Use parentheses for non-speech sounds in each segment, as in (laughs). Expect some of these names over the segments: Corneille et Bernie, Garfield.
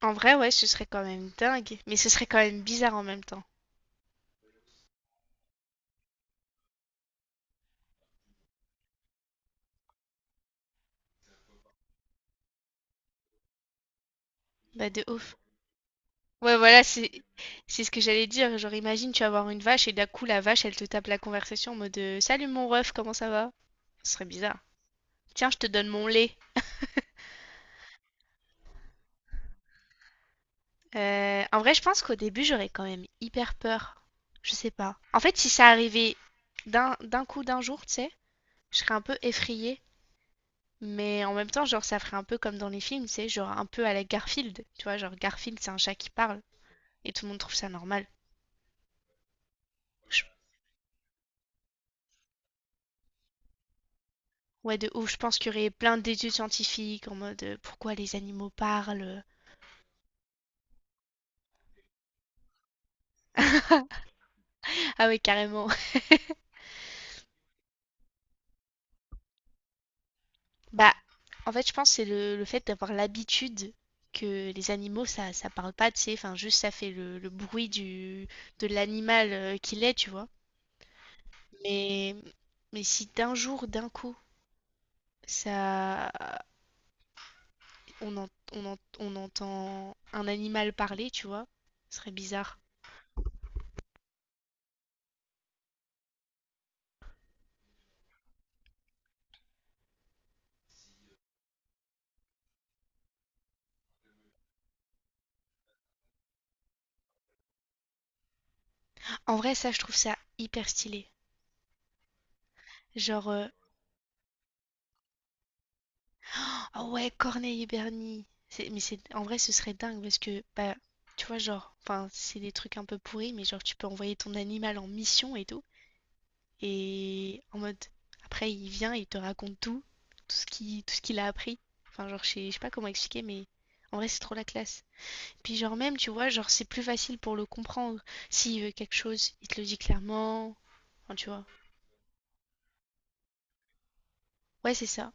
En vrai, ouais, ce serait quand même dingue, mais ce serait quand même bizarre en même temps. Bah, de ouf. Ouais, voilà, c'est ce que j'allais dire. Genre, imagine, tu vas voir une vache et d'un coup, la vache, elle te tape la conversation en mode salut mon ref, comment ça va? Ce serait bizarre. Tiens, je te donne mon lait. En vrai, je pense qu'au début, j'aurais quand même hyper peur. Je sais pas. En fait, si ça arrivait d'un coup, d'un jour, tu sais, je serais un peu effrayée. Mais en même temps, genre, ça ferait un peu comme dans les films, tu sais, genre un peu à la Garfield. Tu vois, genre Garfield, c'est un chat qui parle et tout le monde trouve ça normal. Je- Ouais, de ouf. Je pense qu'il y aurait plein d'études scientifiques en mode pourquoi les animaux parlent. Ah ouais, carrément. (laughs) Bah, en fait, je pense que c'est le fait d'avoir l'habitude que les animaux, ça parle pas, tu sais. Enfin, juste ça fait le bruit de l'animal qu'il est, tu vois. Mais, mais si d'un jour, d'un coup, ça, on entend un animal parler, tu vois, ce serait bizarre. En vrai, ça, je trouve ça hyper stylé. Genre, Oh ouais, Corneille et Bernie. C'est- Mais c'est en vrai, ce serait dingue parce que bah tu vois genre, enfin c'est des trucs un peu pourris, mais genre tu peux envoyer ton animal en mission et tout, et en mode après il vient et il te raconte tout, tout ce qu'il a appris. Enfin genre je sais pas comment expliquer, mais en vrai c'est trop la classe. Puis genre même tu vois genre c'est plus facile pour le comprendre. S'il veut quelque chose, il te le dit clairement. Enfin tu vois. Ouais c'est ça.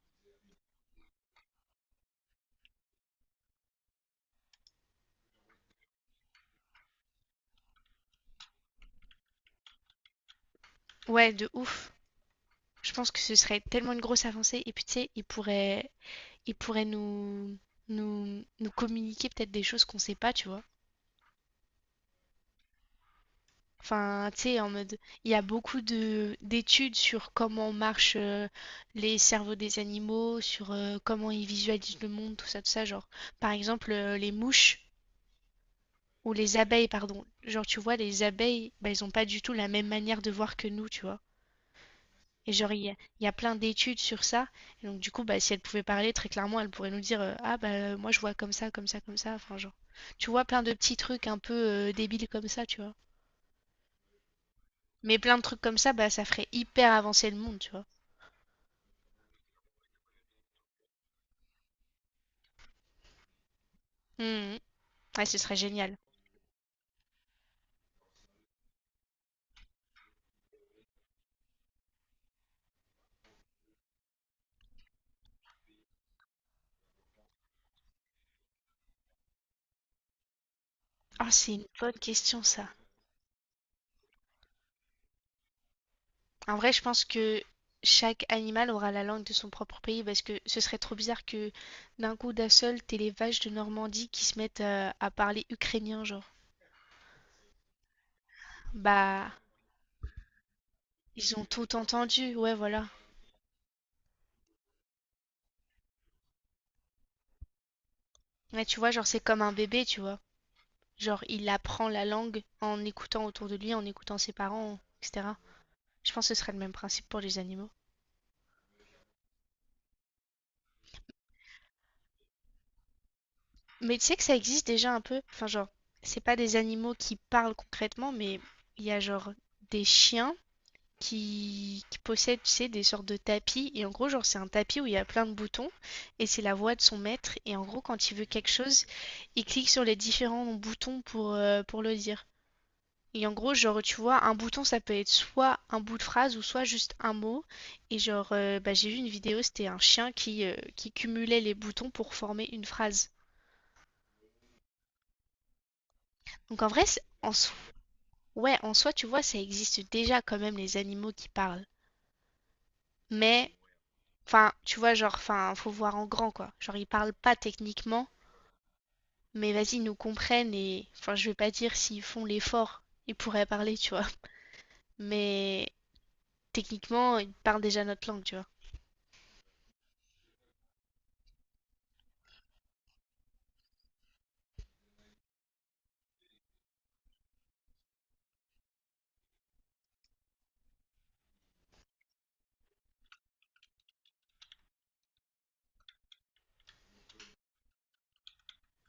Ouais de ouf. Je pense que ce serait tellement une grosse avancée et puis tu sais il pourrait nous, nous communiquer peut-être des choses qu'on sait pas, tu vois. Enfin, tu sais, en mode, il y a beaucoup de d'études sur comment marchent les cerveaux des animaux, sur comment ils visualisent le monde, tout ça, tout ça. Genre, par exemple, les mouches ou les abeilles, pardon. Genre, tu vois, les abeilles, bah, elles ont pas du tout la même manière de voir que nous, tu vois. Et genre, il y a plein d'études sur ça. Et donc, du coup, bah, si elle pouvait parler très clairement, elle pourrait nous dire ah, bah, moi, je vois comme ça, comme ça, comme ça. Enfin, genre, tu vois, plein de petits trucs un peu débiles comme ça, tu vois. Mais plein de trucs comme ça, bah, ça ferait hyper avancer le monde, tu vois. Mhm. Ouais, ce serait génial. Ah, c'est une bonne question, ça. En vrai, je pense que chaque animal aura la langue de son propre pays parce que ce serait trop bizarre que d'un coup d'un seul, t'aies les vaches de Normandie qui se mettent à parler ukrainien, genre. Bah, ils ont tout entendu, ouais, voilà. Ouais, tu vois, genre, c'est comme un bébé, tu vois. Genre, il apprend la langue en écoutant autour de lui, en écoutant ses parents, etc. Je pense que ce serait le même principe pour les animaux. Mais tu sais que ça existe déjà un peu. Enfin, genre, c'est pas des animaux qui parlent concrètement, mais il y a genre des chiens qui possèdent, tu sais, des sortes de tapis. Et en gros, genre, c'est un tapis où il y a plein de boutons et c'est la voix de son maître. Et en gros, quand il veut quelque chose, il clique sur les différents boutons pour le dire. Et en gros, genre, tu vois, un bouton, ça peut être soit un bout de phrase ou soit juste un mot. Et genre, bah, j'ai vu une vidéo, c'était un chien qui cumulait les boutons pour former une phrase. Donc en vrai, c'est- en soi, ouais, en soi, tu vois, ça existe déjà quand même les animaux qui parlent. Mais, enfin, tu vois, genre, enfin, faut voir en grand, quoi. Genre, ils parlent pas techniquement, mais vas-y, ils nous comprennent et, enfin, je vais pas dire s'ils font l'effort, ils pourraient parler, tu vois. Mais techniquement, ils parlent déjà notre langue, tu vois.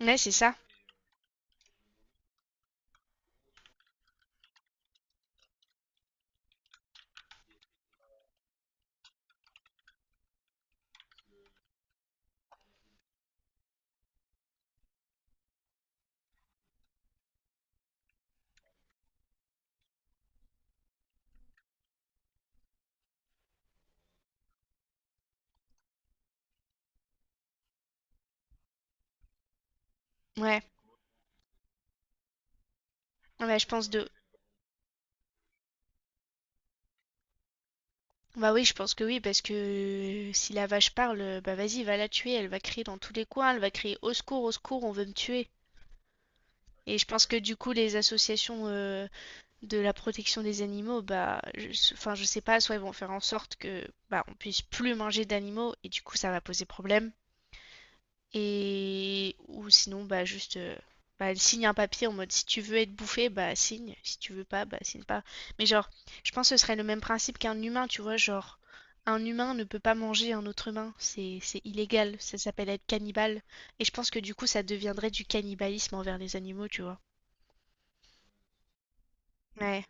Ouais, c'est ça. Ouais, ouais, je pense de... Bah oui, je pense que oui, parce que si la vache parle, bah vas-y, va la tuer, elle va crier dans tous les coins, elle va crier au secours, on veut me tuer. Et je pense que du coup, les associations de la protection des animaux, bah, je, enfin, je sais pas, soit ils vont faire en sorte que, bah, on puisse plus manger d'animaux, et du coup, ça va poser problème. Et ou sinon bah juste bah, elle signe un papier en mode si tu veux être bouffé, bah signe, si tu veux pas, bah signe pas. Mais genre, je pense que ce serait le même principe qu'un humain, tu vois, genre un humain ne peut pas manger un autre humain, c'est illégal, ça s'appelle être cannibale et je pense que du coup ça deviendrait du cannibalisme envers les animaux, tu vois. Ouais.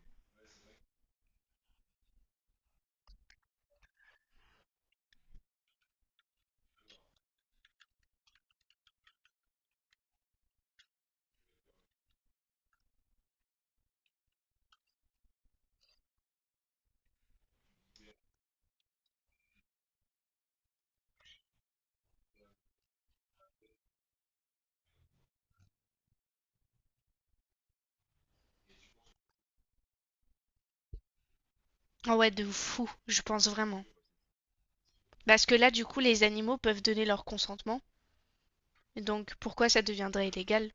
Ah ouais, de fou, je pense vraiment. Parce que là du coup les animaux peuvent donner leur consentement, donc pourquoi ça deviendrait illégal?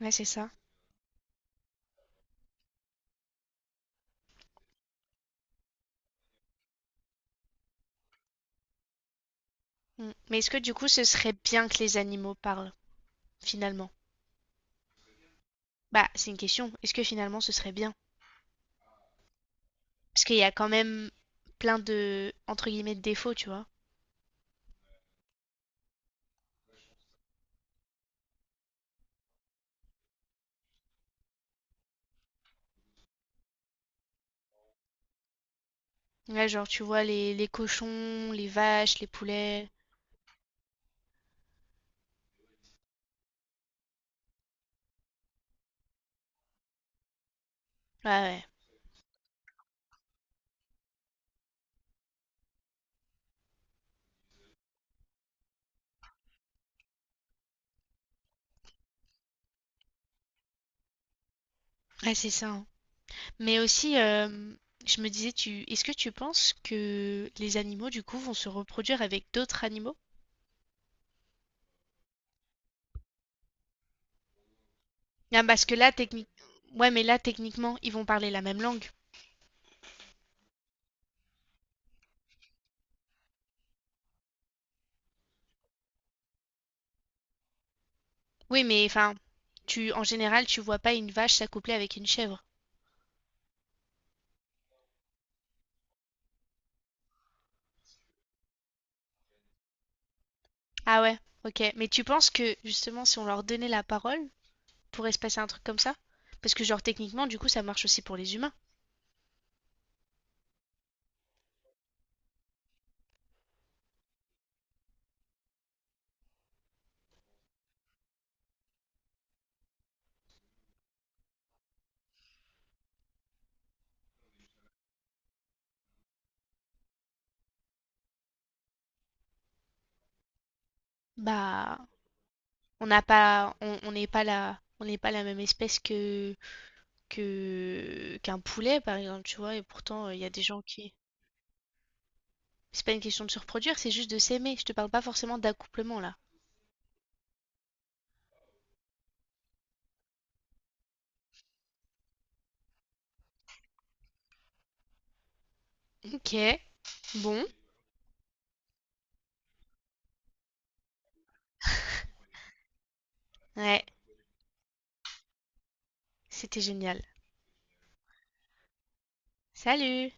Ouais, c'est ça. Mm. Mais est-ce que du coup ce serait bien que les animaux parlent? Finalement? Bah, c'est une question. Est-ce que finalement ce serait bien? Parce qu'il y a quand même plein de, entre guillemets, de défauts, tu vois. Ouais, genre, tu vois, les cochons, les vaches, les poulets. Ouais, ouais. Ouais, c'est ça, hein. Mais aussi, je me disais, tu, est-ce que tu penses que les animaux, du coup, vont se reproduire avec d'autres animaux? Ah, parce que là, technique... Ouais, mais là, techniquement, ils vont parler la même langue. Oui, mais enfin, tu, en général, tu vois pas une vache s'accoupler avec une chèvre. Ah ouais, ok. Mais tu penses que justement, si on leur donnait la parole, pourrait se passer un truc comme ça? Parce que genre techniquement, du coup, ça marche aussi pour les humains. Bah, on n'a pas, on n'est pas la, on n'est pas la même espèce que qu'un poulet, par exemple, tu vois. Et pourtant, il y a des gens qui. C'est pas une question de se reproduire, c'est juste de s'aimer. Je te parle pas forcément d'accouplement là. Ok, bon, ouais, c'était génial. Salut!